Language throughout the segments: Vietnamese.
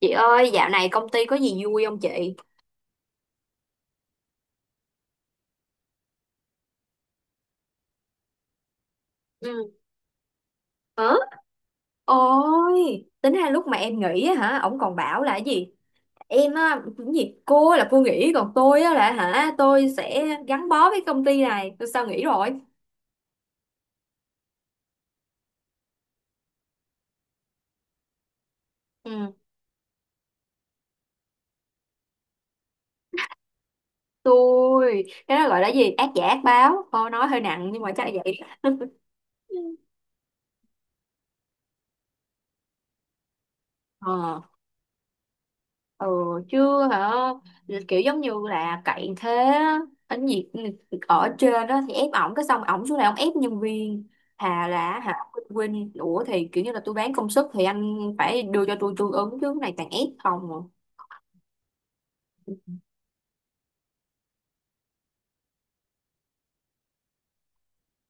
Chị ơi, dạo này công ty có gì vui không chị? Ừ. Hả? Ôi, tính ra lúc mà em nghỉ á hả, ổng còn bảo là cái gì? Em á, cái gì? Cô là cô nghỉ, còn tôi á là hả, tôi sẽ gắn bó với công ty này. Tôi sao nghỉ rồi? Ừ, tôi, cái đó gọi là gì? Ác giả ác báo. Thôi nói hơi nặng nhưng mà chắc là vậy. Ờ. Ừ, chưa hả, kiểu giống như là cậy thế á. ở nhiệt ừ, Ở trên đó thì ép ổng cái xong ổng xuống này ổng ép nhân viên hà là hả, quên, ủa thì kiểu như là tôi bán công sức thì anh phải đưa cho tôi tương ứng chứ cái này toàn ép không à.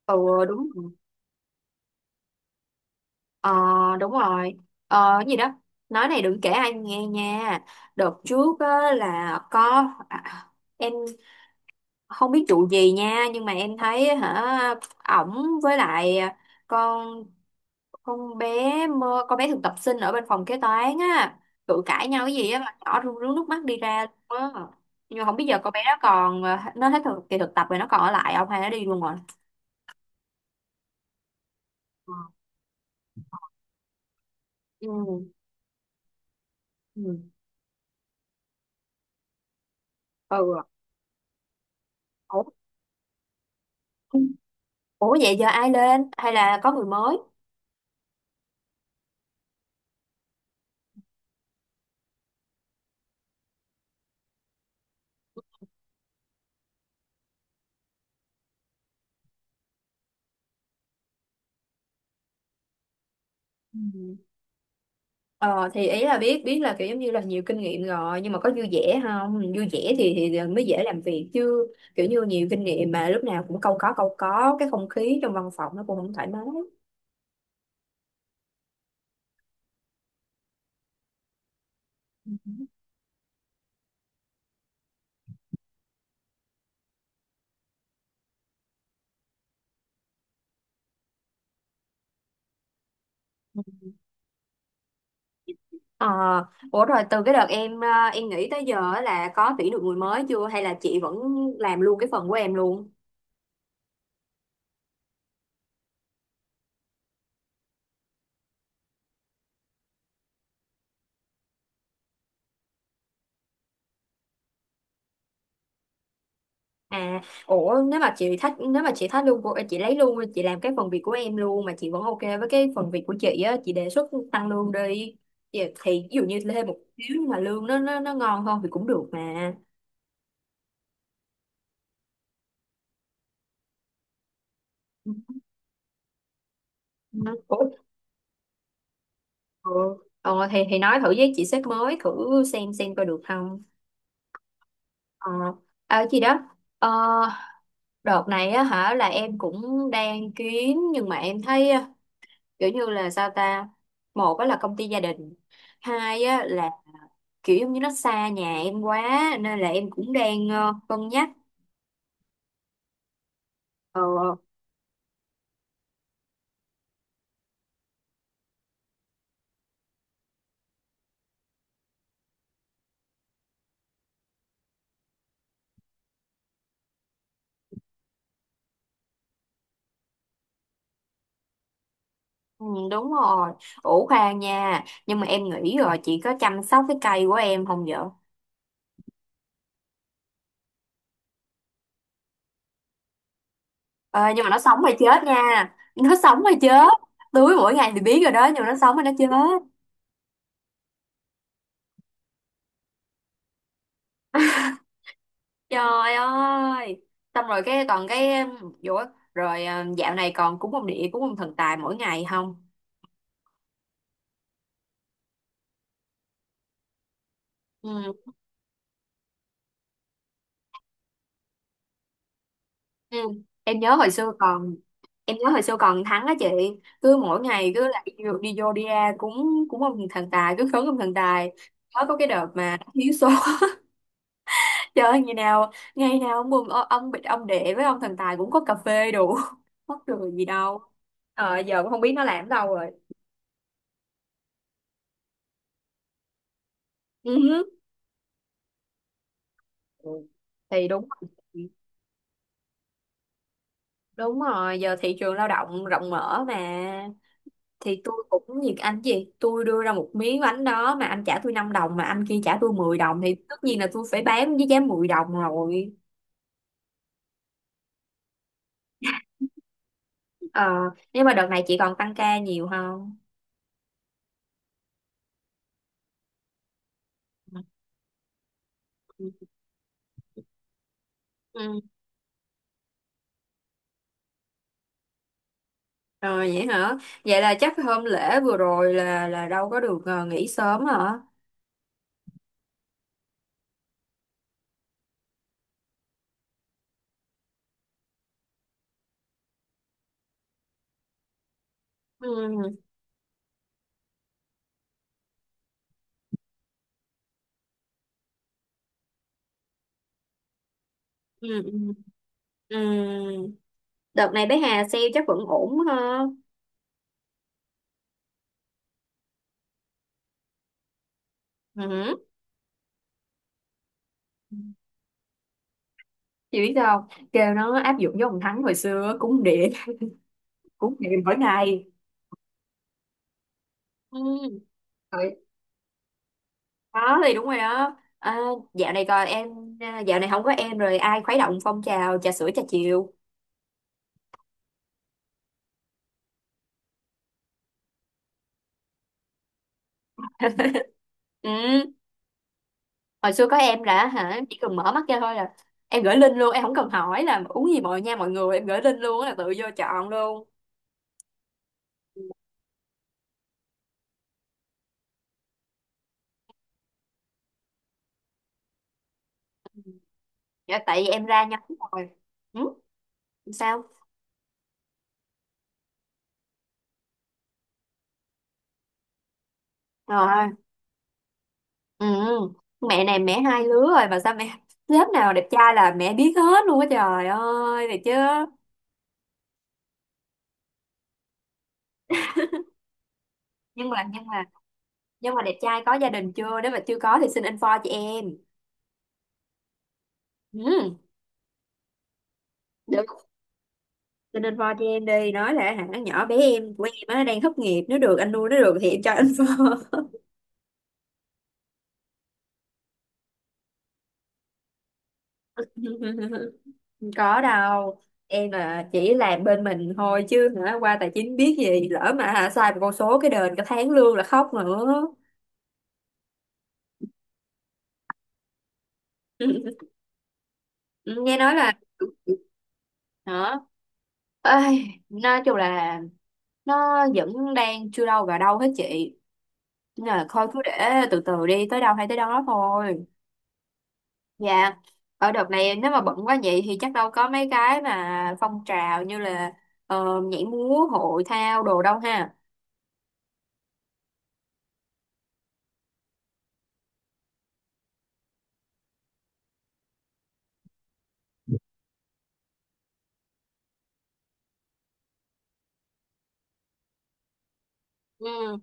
Ừ, đúng rồi. ờ đúng rồi. Ờ Cái gì đó, nói này đừng kể ai nghe nha. Đợt trước á, là có em không biết vụ gì nha nhưng mà em thấy hả ổng với lại con con bé con bé thực tập sinh ở bên phòng kế toán á cự cãi nhau cái gì á mà nhỏ rưng rưng nước mắt đi ra luôn á. Nhưng mà không biết giờ con bé đó còn nó hết kỳ thực tập rồi nó còn ở lại không hay nó đi luôn rồi. Ờ. Ừ. Ừ. Ừ. Ủa. Ủa vậy giờ ai lên hay là có người mới? Ừ. Ờ, thì ý là biết biết là kiểu giống như là nhiều kinh nghiệm rồi nhưng mà có vui vẻ không, vui vẻ thì mới dễ làm việc chứ. Kiểu như nhiều kinh nghiệm mà lúc nào cũng câu có cái không khí trong văn phòng nó cũng không thoải mái. Ừ. Ờ, ủa rồi từ cái đợt em em nghỉ tới giờ á là có tuyển được người mới chưa hay là chị vẫn làm luôn cái phần của em luôn? À, ủa nếu mà chị thích, nếu mà chị thích luôn của chị, lấy luôn, chị làm cái phần việc của em luôn mà chị vẫn ok với cái phần việc của chị á, chị đề xuất tăng lương đi. Thì, ví dụ như thêm một xíu nhưng mà lương nó ngon hơn thì cũng được mà. Ừ. Ủa, ờ, ờ, thì nói thử với chị sếp mới thử xem coi được không. Ờ, à, gì đó. Ờ, đợt này á hả là em cũng đang kiếm nhưng mà em thấy á, kiểu như là sao ta, một á là công ty gia đình, hai á là kiểu giống như nó xa nhà em quá nên là em cũng đang cân nhắc. Ờ. Ừ, đúng rồi. Ủ khoan nha, nhưng mà em nghĩ rồi, chị có chăm sóc cái cây của em không vậy? Ờ, nhưng mà nó sống hay chết nha? Nó sống hay chết? Tưới mỗi ngày thì biết rồi đó nhưng mà nó sống hay nó chết? Trời ơi, xong rồi cái còn cái, ủa, rồi dạo này còn cúng ông địa cúng ông thần tài mỗi ngày không? Ừ, ừ. Em nhớ hồi xưa còn, em nhớ hồi xưa còn Thắng á chị, cứ mỗi ngày cứ lại đi, đi vô đi ra cúng cúng ông thần tài, cứ khấn ông thần tài. Mới có cái đợt mà thiếu số chơi ơi, ngày nào ông bị ông đệ với ông thần tài cũng có cà phê đủ mắc cười gì đâu. Ờ, giờ cũng không biết nó làm ở đâu rồi. Ừ. Hứ. Ừ, thì đúng. Đúng rồi, giờ thị trường lao động rộng mở mà. Thì tôi cũng như anh gì, tôi đưa ra một miếng bánh đó mà anh trả tôi 5 đồng mà anh kia trả tôi 10 đồng thì tất nhiên là tôi phải bán với giá 10 đồng rồi. Ờ, nhưng mà đợt này chị còn tăng ca nhiều không? Ừ. Ừ. Rồi vậy hả? Vậy là chắc hôm lễ vừa rồi là đâu có được nghỉ sớm hả? Ừ. Ừ. Ừ. Ừ. Đợt này bé Hà sale chắc vẫn ổn ha. Ừ. Chị biết sao không? Kêu nó áp dụng với ông Thắng hồi xưa cúng điện cúng điện mỗi ngày. Ừ. Rồi. Đó thì đúng rồi đó à, dạo này coi em, à, dạo này không có em rồi ai khuấy động phong trào trà sữa trà chiều. Ừ. Hồi xưa có em là hả, chỉ cần mở mắt ra thôi là em gửi link luôn, em không cần hỏi là uống gì, mọi nha mọi người em gửi link luôn á là tự vô chọn luôn. Dạ, tại vì em ra nhóm rồi. Ừ. Sao rồi. Ừ. Mẹ này, mẹ hai lứa rồi mà sao mẹ lớp nào đẹp trai là mẹ biết hết luôn á trời ơi thì chứ. Nhưng mà nhưng mà nhưng mà đẹp trai có gia đình chưa, nếu mà chưa có thì xin info cho em. Ừ. Được. Xin info cho em đi, nói là hả nhỏ bé em của em á đang thất nghiệp, nếu được anh nuôi nó được thì em cho info. Không có đâu, em là chỉ làm bên mình thôi chứ hả qua tài chính biết gì, lỡ mà hả sai một con số cái đền cả tháng lương là khóc nữa. Nghe nói là, đó, ây, nói chung là nó vẫn đang chưa đâu vào đâu hết chị, nên là thôi cứ để từ từ đi tới đâu hay tới đó thôi. Dạ. Ở đợt này nếu mà bận quá vậy thì chắc đâu có mấy cái mà phong trào như là nhảy múa hội thao đồ đâu ha. Ừ.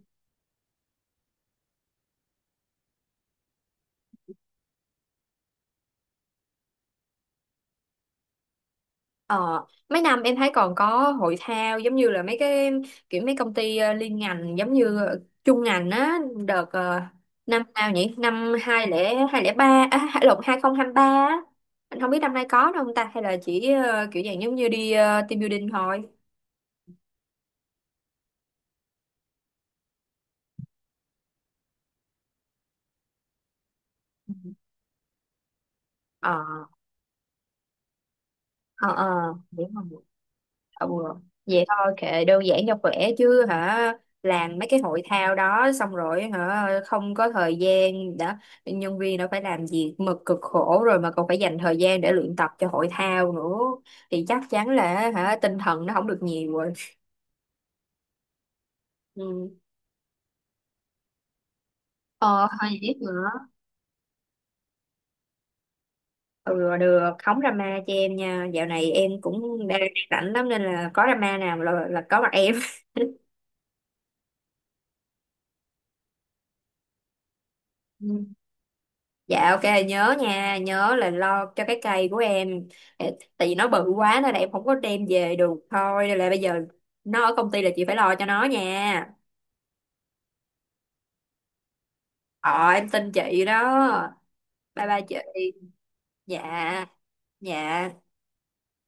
Ờ, mấy năm em thấy còn có hội thao giống như là mấy cái kiểu mấy công ty liên ngành giống như chung ngành á. Đợt năm nào nhỉ, năm 2023 à, lộn, 2023 á. Anh không biết năm nay có đâu không ta, hay là chỉ kiểu dạng giống như đi team building thôi. Ừ. Ờ ờ. Đúng rồi. Ừ. Vậy thôi kệ, đơn giản cho khỏe chứ hả, làm mấy cái hội thao đó xong rồi hả không có thời gian, đã nhân viên đã phải làm việc mực cực khổ rồi mà còn phải dành thời gian để luyện tập cho hội thao nữa thì chắc chắn là hả tinh thần nó không được nhiều rồi. Ừ. Ờ, thôi gì tiếp nữa. Ừ, được, không drama cho em nha, dạo này em cũng đang rảnh lắm nên là có drama nào là có mặt em. Ừ. Dạ ok, nhớ nha, nhớ là lo cho cái cây của em. Ê, tại vì nó bự quá nên là em không có đem về được thôi, nên là bây giờ nó ở công ty là chị phải lo cho nó nha. Ờ, em tin chị đó. Bye bye chị. Dạ. Dạ.